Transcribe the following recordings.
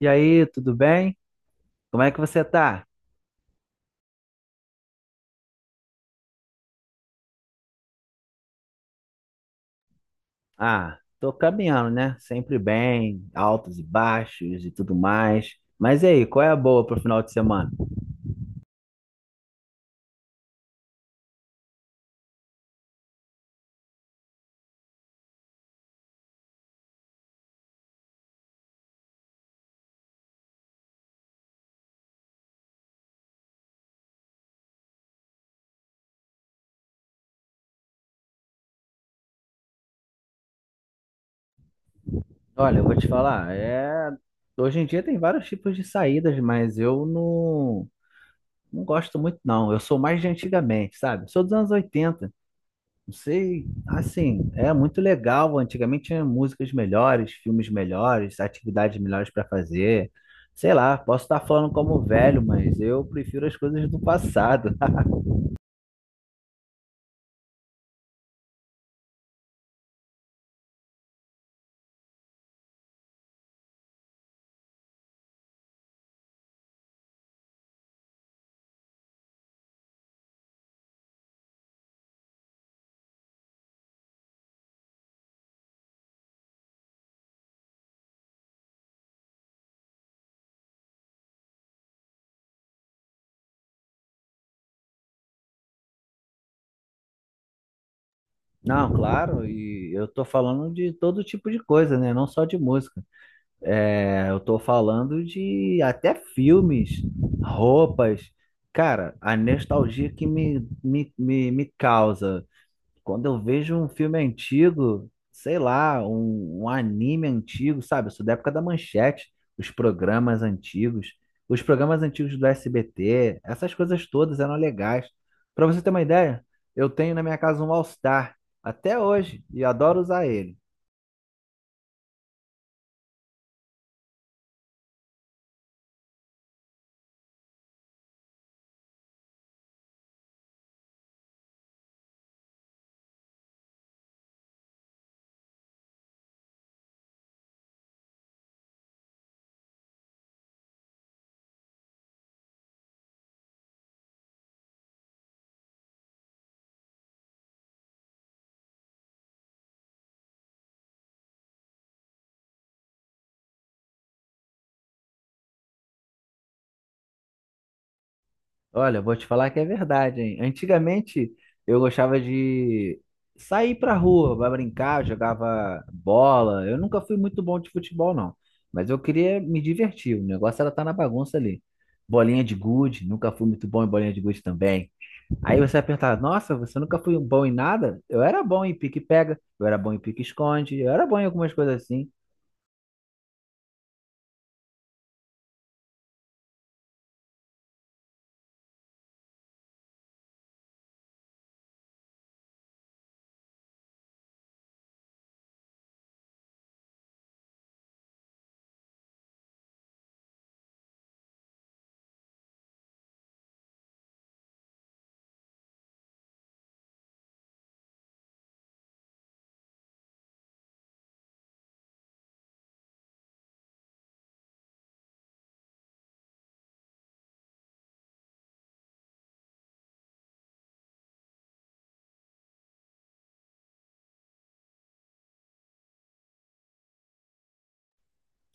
E aí, tudo bem? Como é que você tá? Ah, tô caminhando, né? Sempre bem, altos e baixos e tudo mais. Mas e aí, qual é a boa pro final de semana? Olha, eu vou te falar, hoje em dia tem vários tipos de saídas, mas eu não, não gosto muito, não. Eu sou mais de antigamente, sabe? Sou dos anos 80. Não sei, assim, é muito legal. Antigamente tinha músicas melhores, filmes melhores, atividades melhores para fazer. Sei lá, posso estar falando como velho, mas eu prefiro as coisas do passado. Não, claro, e eu tô falando de todo tipo de coisa, né? Não só de música. É, eu tô falando de até filmes, roupas. Cara, a nostalgia que me causa quando eu vejo um filme antigo, sei lá, um anime antigo, sabe? Eu sou da época da Manchete, os programas antigos, os programas antigos do SBT, essas coisas todas eram legais. Pra você ter uma ideia, eu tenho na minha casa um All Star até hoje e adoro usar ele. Olha, vou te falar que é verdade, hein? Antigamente eu gostava de sair pra rua, vai brincar, jogava bola. Eu nunca fui muito bom de futebol, não. Mas eu queria me divertir. O negócio era estar na bagunça ali. Bolinha de gude, nunca fui muito bom em bolinha de gude também. Aí você vai perguntar, nossa, você nunca foi bom em nada? Eu era bom em pique-pega, eu era bom em pique-esconde, eu era bom em algumas coisas assim.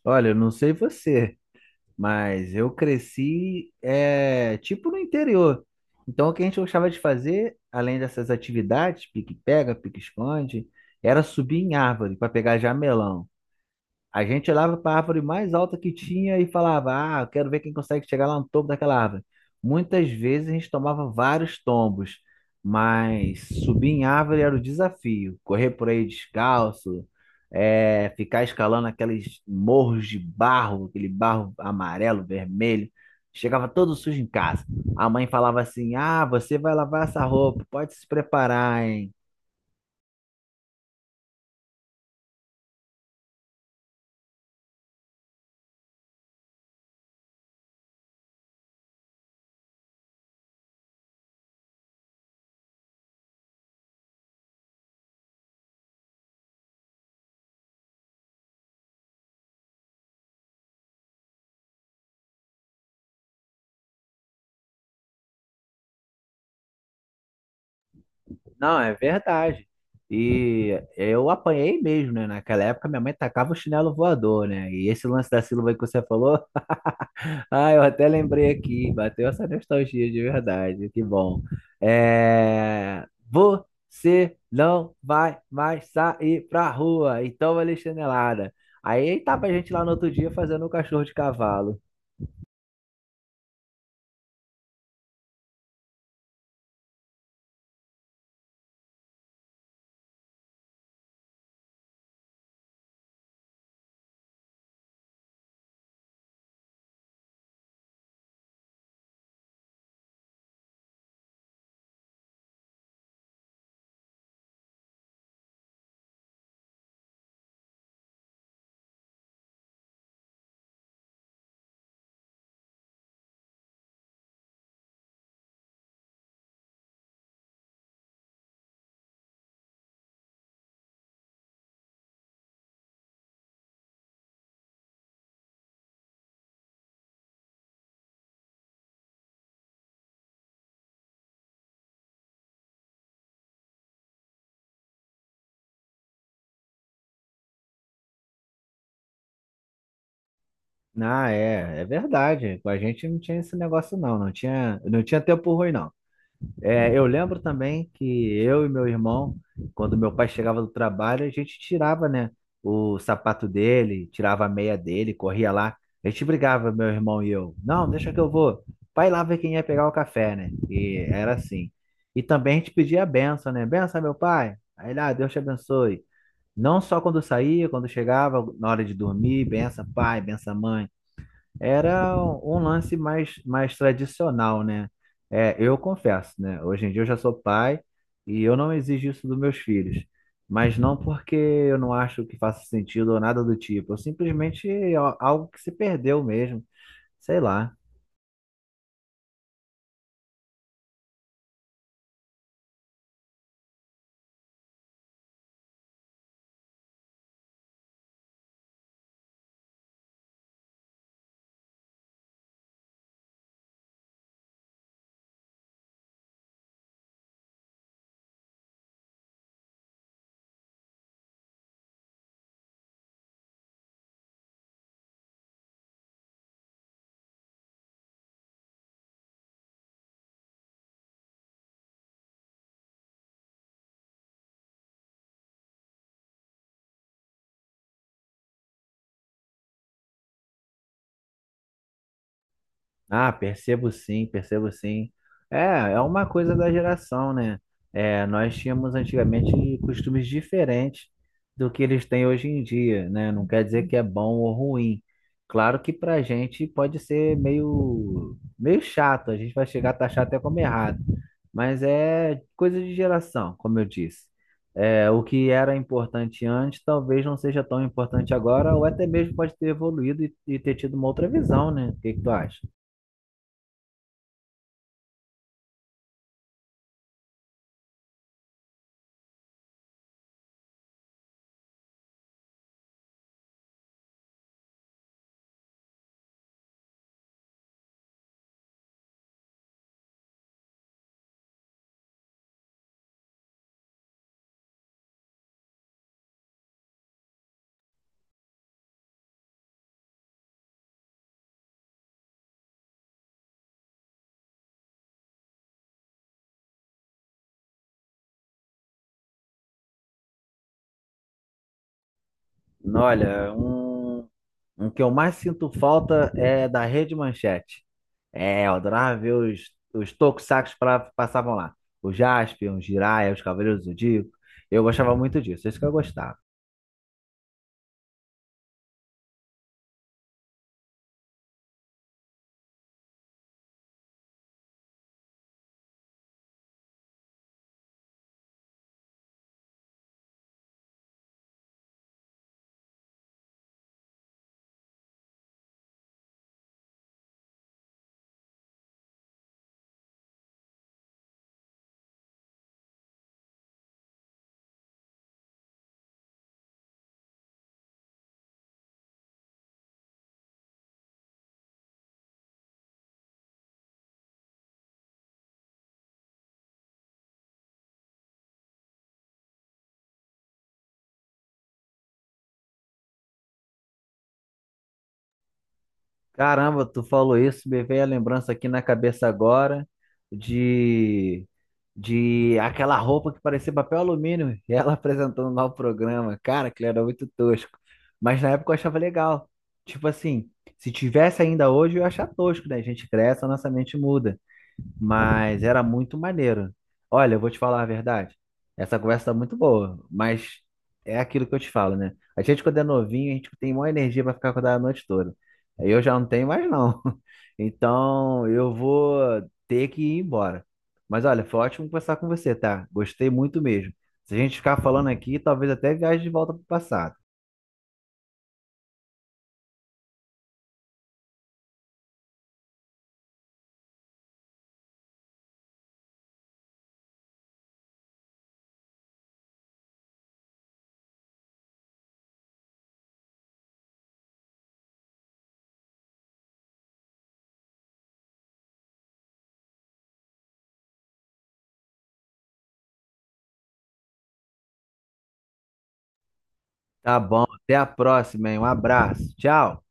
Olha, eu não sei você. Mas eu cresci, tipo, no interior. Então, o que a gente gostava de fazer, além dessas atividades, pique-pega, pique-esconde, era subir em árvore para pegar jamelão. A gente olhava para a árvore mais alta que tinha e falava: "Ah, eu quero ver quem consegue chegar lá no topo daquela árvore." Muitas vezes a gente tomava vários tombos, mas subir em árvore era o desafio. Correr por aí descalço, ficar escalando aqueles morros de barro, aquele barro amarelo, vermelho. Chegava todo sujo em casa. A mãe falava assim: "Ah, você vai lavar essa roupa, pode se preparar, hein?" Não, é verdade. E eu apanhei mesmo, né? Naquela época minha mãe tacava o chinelo voador, né? E esse lance da Silva que você falou, ah, eu até lembrei aqui, bateu essa nostalgia de verdade, que bom. Você não vai mais sair pra rua, então vai ler chinelada. Aí tava a gente lá no outro dia fazendo um cachorro de cavalo. Ah, é verdade. Com a gente não tinha esse negócio não, não tinha tempo ruim não. É, eu lembro também que eu e meu irmão, quando meu pai chegava do trabalho, a gente tirava, né, o sapato dele, tirava a meia dele, corria lá. A gente brigava, meu irmão e eu. Não, deixa que eu vou. Pai lá ver quem ia pegar o café, né? E era assim. E também a gente pedia a benção, né? Benção, meu pai. Aí lá, Deus te abençoe. Não só quando saía, quando chegava, na hora de dormir, benção, pai, benção, mãe. Era um lance mais tradicional, né? É, eu confesso, né? Hoje em dia eu já sou pai e eu não exijo isso dos meus filhos. Mas não porque eu não acho que faça sentido ou nada do tipo. Eu simplesmente é algo que se perdeu mesmo. Sei lá. Ah, percebo sim. É, é uma coisa da geração, né? É, nós tínhamos antigamente costumes diferentes do que eles têm hoje em dia, né? Não quer dizer que é bom ou ruim. Claro que pra gente pode ser meio chato, a gente vai chegar a taxar até como errado, mas é coisa de geração, como eu disse. É, o que era importante antes talvez não seja tão importante agora, ou até mesmo pode ter evoluído e ter tido uma outra visão, né? O que que tu acha? Olha, um que eu mais sinto falta é da Rede Manchete. É, eu adorava ver os tokusakus pra, passavam lá. O Jaspion, o Jiraiya, os Cavaleiros do Zodíaco. Eu gostava muito disso, isso que eu gostava. Caramba, tu falou isso, me veio a lembrança aqui na cabeça agora de de aquela roupa que parecia papel alumínio, e ela apresentando lá o programa. Cara, aquilo era muito tosco. Mas na época eu achava legal. Tipo assim, se tivesse ainda hoje, eu ia achar tosco, né? A gente cresce, a nossa mente muda. Mas era muito maneiro. Olha, eu vou te falar a verdade. Essa conversa tá muito boa, mas é aquilo que eu te falo, né? A gente, quando é novinho, a gente tem maior energia para ficar acordado a noite toda. Aí eu já não tenho mais, não. Então, eu vou ter que ir embora. Mas olha, foi ótimo conversar com você, tá? Gostei muito mesmo. Se a gente ficar falando aqui, talvez até viaje de volta pro passado. Tá bom, até a próxima, hein? Um abraço. Tchau.